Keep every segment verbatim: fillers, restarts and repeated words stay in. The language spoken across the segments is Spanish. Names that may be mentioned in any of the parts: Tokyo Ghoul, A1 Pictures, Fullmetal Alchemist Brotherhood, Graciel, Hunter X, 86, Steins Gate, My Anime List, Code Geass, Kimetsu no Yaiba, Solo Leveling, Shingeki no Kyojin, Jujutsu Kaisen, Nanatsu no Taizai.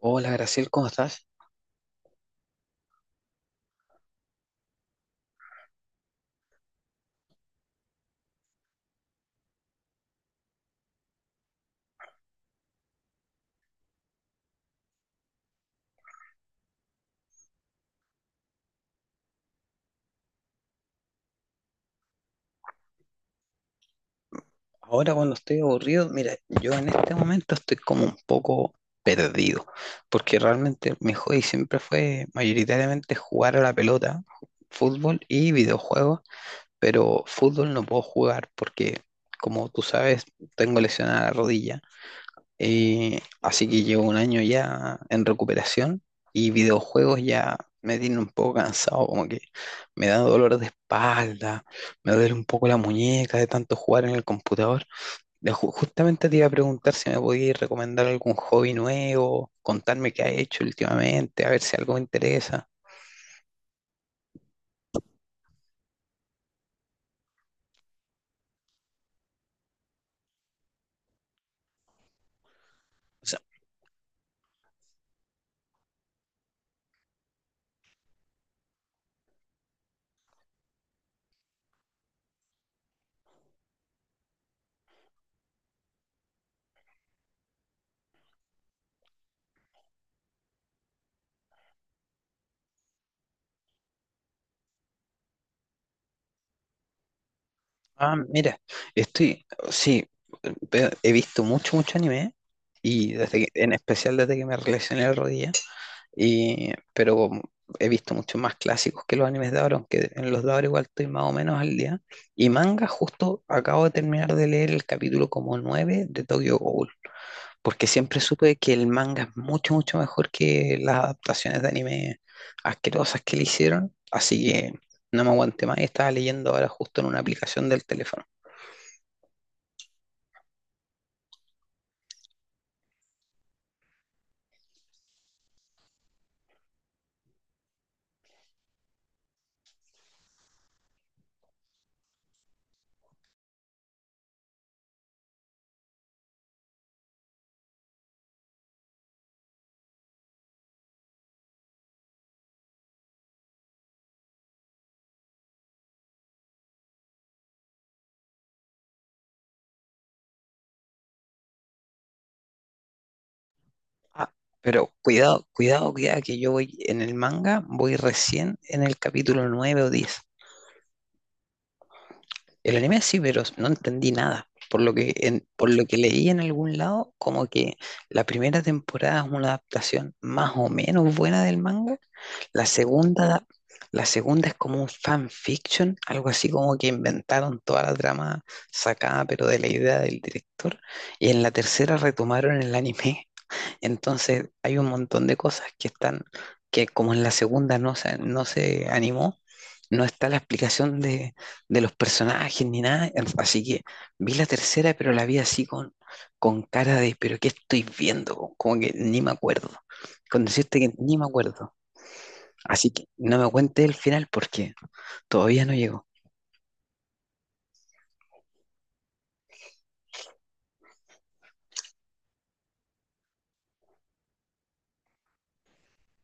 Hola Graciel, ¿cómo estás? Ahora cuando estoy aburrido, mira, yo en este momento estoy como un poco perdido, porque realmente mi hobby siempre fue mayoritariamente jugar a la pelota, fútbol y videojuegos, pero fútbol no puedo jugar porque, como tú sabes, tengo lesionada la rodilla. Eh, así que llevo un año ya en recuperación y videojuegos ya me tienen un poco cansado, como que me da dolor de espalda, me duele un poco la muñeca de tanto jugar en el computador. De- ju- Justamente te iba a preguntar si me podías recomendar algún hobby nuevo, contarme qué has hecho últimamente, a ver si algo me interesa. O sea, ah, mira, estoy, sí, ve- he visto mucho, mucho anime y desde que- en especial desde que me relacioné al rodilla. Y, pero como he visto muchos más clásicos que los animes de ahora, aunque en los de ahora igual estoy más o menos al día. Y manga, justo acabo de terminar de leer el capítulo como nueve de Tokyo Ghoul, porque siempre supe que el manga es mucho, mucho mejor que las adaptaciones de anime asquerosas que le hicieron. Así que no me aguanté más y estaba leyendo ahora justo en una aplicación del teléfono. Ah, pero cuidado, cuidado, cuidado, que yo voy en el manga, voy recién en el capítulo nueve o diez. El anime sí, pero no entendí nada. Por lo que, en- por lo que leí en algún lado, como que la primera temporada es una adaptación más o menos buena del manga. La segunda, da- la segunda es como un fanfiction, algo así como que inventaron toda la trama sacada, pero de la idea del director. Y en la tercera retomaron el anime. Entonces hay un montón de cosas que están, que como en la segunda no se, no se animó, no está la explicación de, de los personajes ni nada. Así que vi la tercera, pero la vi así con, con cara de, pero ¿qué estoy viendo? Como que ni me acuerdo. Con decirte que ni me acuerdo. Así que no me cuente el final porque todavía no llegó.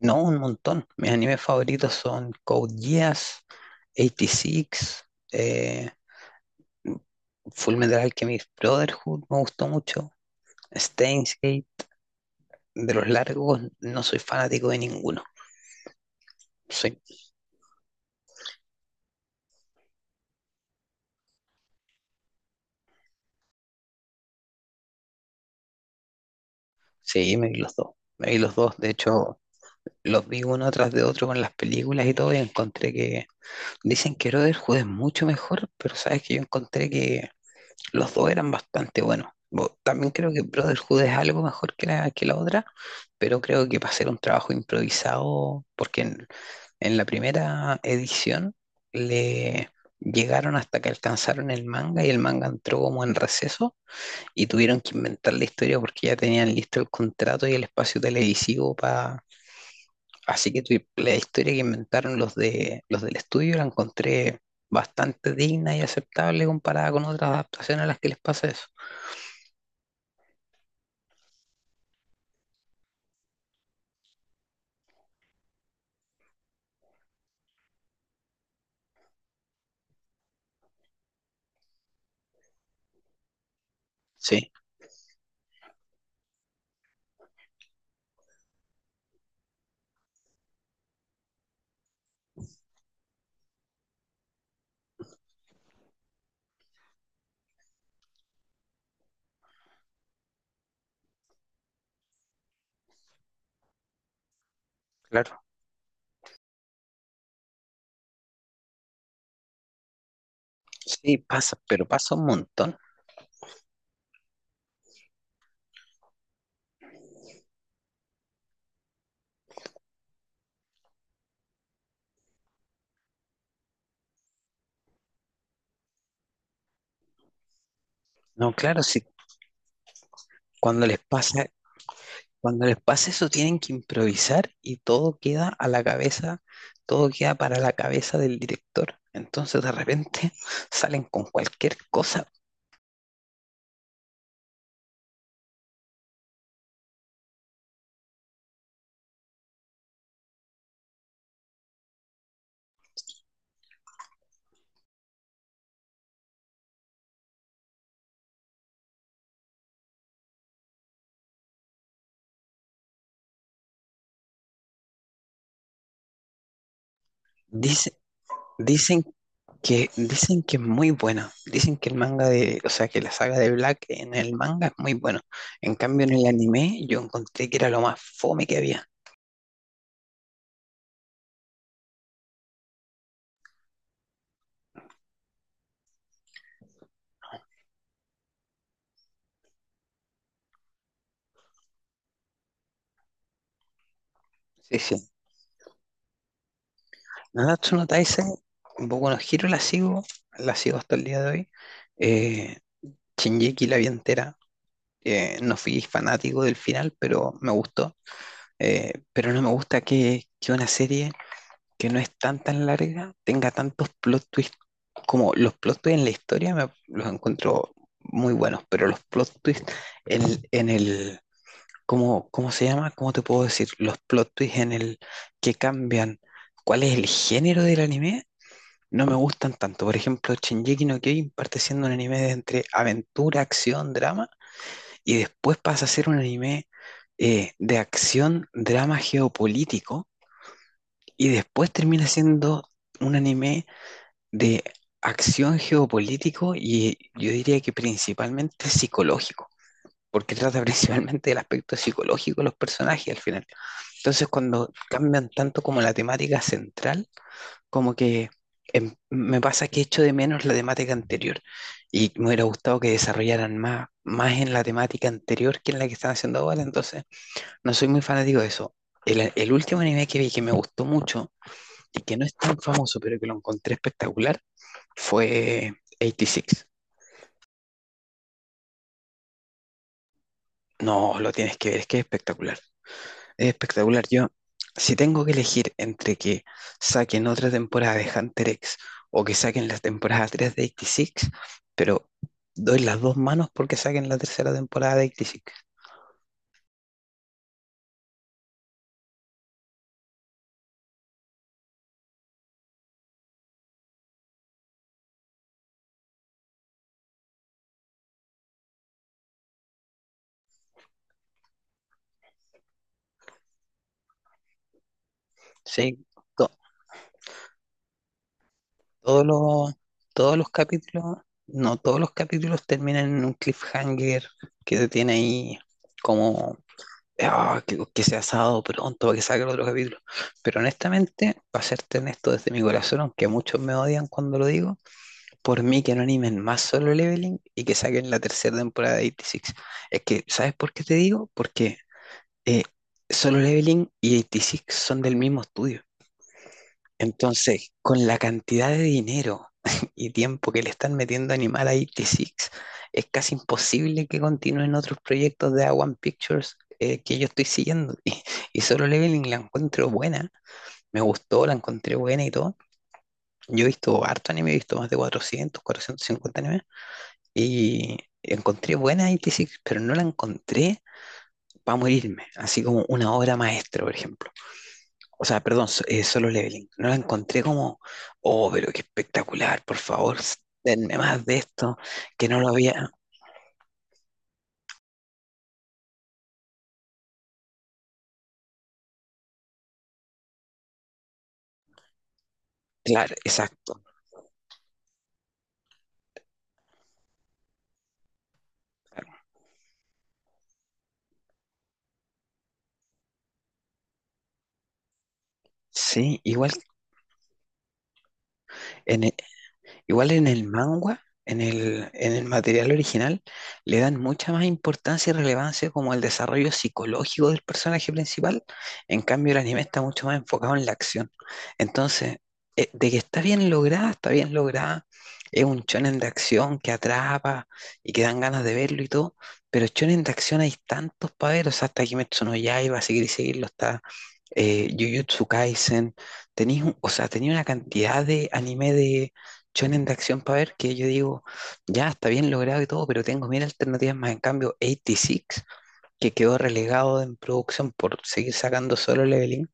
No, un montón. Mis animes favoritos son Code Geass, ochenta y seis, eh, Full Fullmetal Alchemist Brotherhood me gustó mucho. Steins Gate, de los largos, no soy fanático de ninguno. Sí, sí, me vi los dos. Me vi los dos, de hecho, los vi uno tras de otro con las películas y todo, y encontré que. Dicen que Brotherhood es mucho mejor, pero sabes que yo encontré que los dos eran bastante buenos. Bo- También creo que Brotherhood es algo mejor que la, que la otra, pero creo que para hacer un trabajo improvisado, porque en la primera edición le llegaron hasta que alcanzaron el manga y el manga entró como en receso y tuvieron que inventar la historia porque ya tenían listo el contrato y el espacio televisivo para... Así que tu- la historia que inventaron los de los del estudio la encontré bastante digna y aceptable comparada con otras adaptaciones a las que les pasa eso. Sí, claro. Sí, pasa, pero pasa un montón. No, claro, sí, cuando les pasa cuando les pasa eso, tienen que improvisar y todo queda a la cabeza, todo queda para la cabeza del director. Entonces, de repente, salen con cualquier cosa. Dice- dicen que, dicen que es muy buena. Dicen que el manga de, o sea, que la saga de Black en el manga es muy buena. En cambio, en el anime, yo encontré que era lo más fome que había. Sí, sí. Nanatsu no Taizai, un poco no giro la sigo, la sigo hasta el día de hoy. Eh, Shingeki la vi entera. Eh, no fui fanático del final, pero me gustó. Eh, pero no me gusta que, que una serie que no es tan tan larga tenga tantos plot twists como los plot twists en la historia me, los encuentro muy buenos, pero los plot twists en, en el, ¿cómo, cómo se llama? ¿Cómo te puedo decir? Los plot twists en el que cambian cuál es el género del anime, no me gustan tanto. Por ejemplo, Shingeki no Kyojin parte siendo un anime de entre aventura, acción, drama, y después pasa a ser un anime eh, de acción, drama geopolítico, y después termina siendo un anime de acción geopolítico y yo diría que principalmente psicológico, porque trata principalmente del aspecto psicológico de los personajes al final. Entonces cuando cambian tanto como la temática central, como que em, me pasa que echo de menos la temática anterior y me hubiera gustado que desarrollaran más, más en la temática anterior que en la que están haciendo ahora, entonces no soy muy fanático de eso. El, el último anime que vi que me gustó mucho y que no es tan famoso, pero que lo encontré espectacular, fue ochenta y seis. No, lo tienes que ver, es que es espectacular. Es espectacular. Yo, si tengo que elegir entre que saquen otra temporada de Hunter X o que saquen la temporada tres de ochenta y seis, pero doy las dos manos porque saquen la tercera temporada de ochenta y seis. Sí, Todos los, todos los capítulos, no, todos los capítulos terminan en un cliffhanger que te tiene ahí como: "Ah, que, que sea sábado pronto para que salga el otro capítulo." Pero honestamente, para serte honesto desde mi corazón, aunque muchos me odian cuando lo digo, por mí que no animen más Solo Leveling y que saquen la tercera temporada de ochenta y seis. Es que, ¿sabes por qué te digo? Porque eh, Solo Leveling y ochenta y seis son del mismo estudio. Entonces, con la cantidad de dinero y tiempo que le están metiendo a Animal ochenta y seis, es casi imposible que continúen otros proyectos de A uno Pictures eh, que yo estoy siguiendo. Y, y solo Leveling la encuentro buena. Me gustó, la encontré buena y todo. Yo he visto harto anime, he visto más de cuatrocientos, cuatrocientos cincuenta animes. Y encontré buena ochenta y seis, pero no la encontré para morirme. Así como una obra maestra, por ejemplo. O sea, perdón, so- eh, solo leveling. No la encontré como, oh, pero qué espectacular, por favor, s- denme más de esto, que no lo había. Claro, exacto. Sí, igual en, e, Igual en el manga, en el, en el material original, le dan mucha más importancia y relevancia como el desarrollo psicológico del personaje principal. En cambio, el anime está mucho más enfocado en la acción. Entonces, eh, de que está bien lograda, está bien lograda. Es un shonen de acción que atrapa y que dan ganas de verlo y todo. Pero shonen de acción hay tantos para ver. O sea, hasta Kimetsu no Yaiba, seguir y seguirlo, está eh, Jujutsu Kaisen. Tenéis, un- o sea, tenía una cantidad de anime de shonen de acción para ver que yo digo, ya está bien logrado y todo, pero tengo mil alternativas más. En cambio, ochenta y seis, que quedó relegado en producción por seguir sacando solo leveling,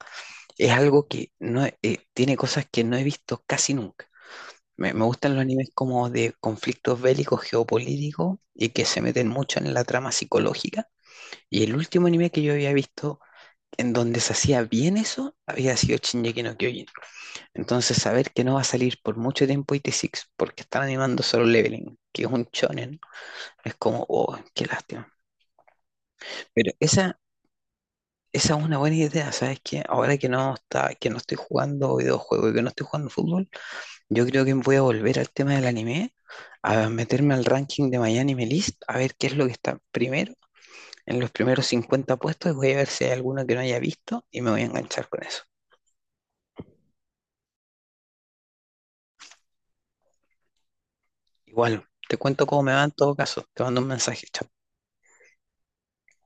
es algo que no he- eh, tiene cosas que no he visto casi nunca. Me, me gustan los animes como de conflictos bélicos, geopolíticos y que se meten mucho en la trama psicológica. Y el último anime que yo había visto en donde se hacía bien eso había sido Shingeki no Kyojin. Entonces saber que no va a salir por mucho tiempo I t seis porque están animando solo Leveling, que es un shonen, es como, oh, qué lástima. Pero esa, esa es una buena idea, ¿sabes qué? Ahora que no está, que no estoy jugando videojuegos y que no estoy jugando fútbol, yo creo que voy a volver al tema del anime, a meterme al ranking de My Anime List, a ver qué es lo que está primero, en los primeros cincuenta puestos, y voy a ver si hay alguno que no haya visto y me voy a enganchar con eso. Igual, te cuento cómo me va en todo caso, te mando un mensaje, chao.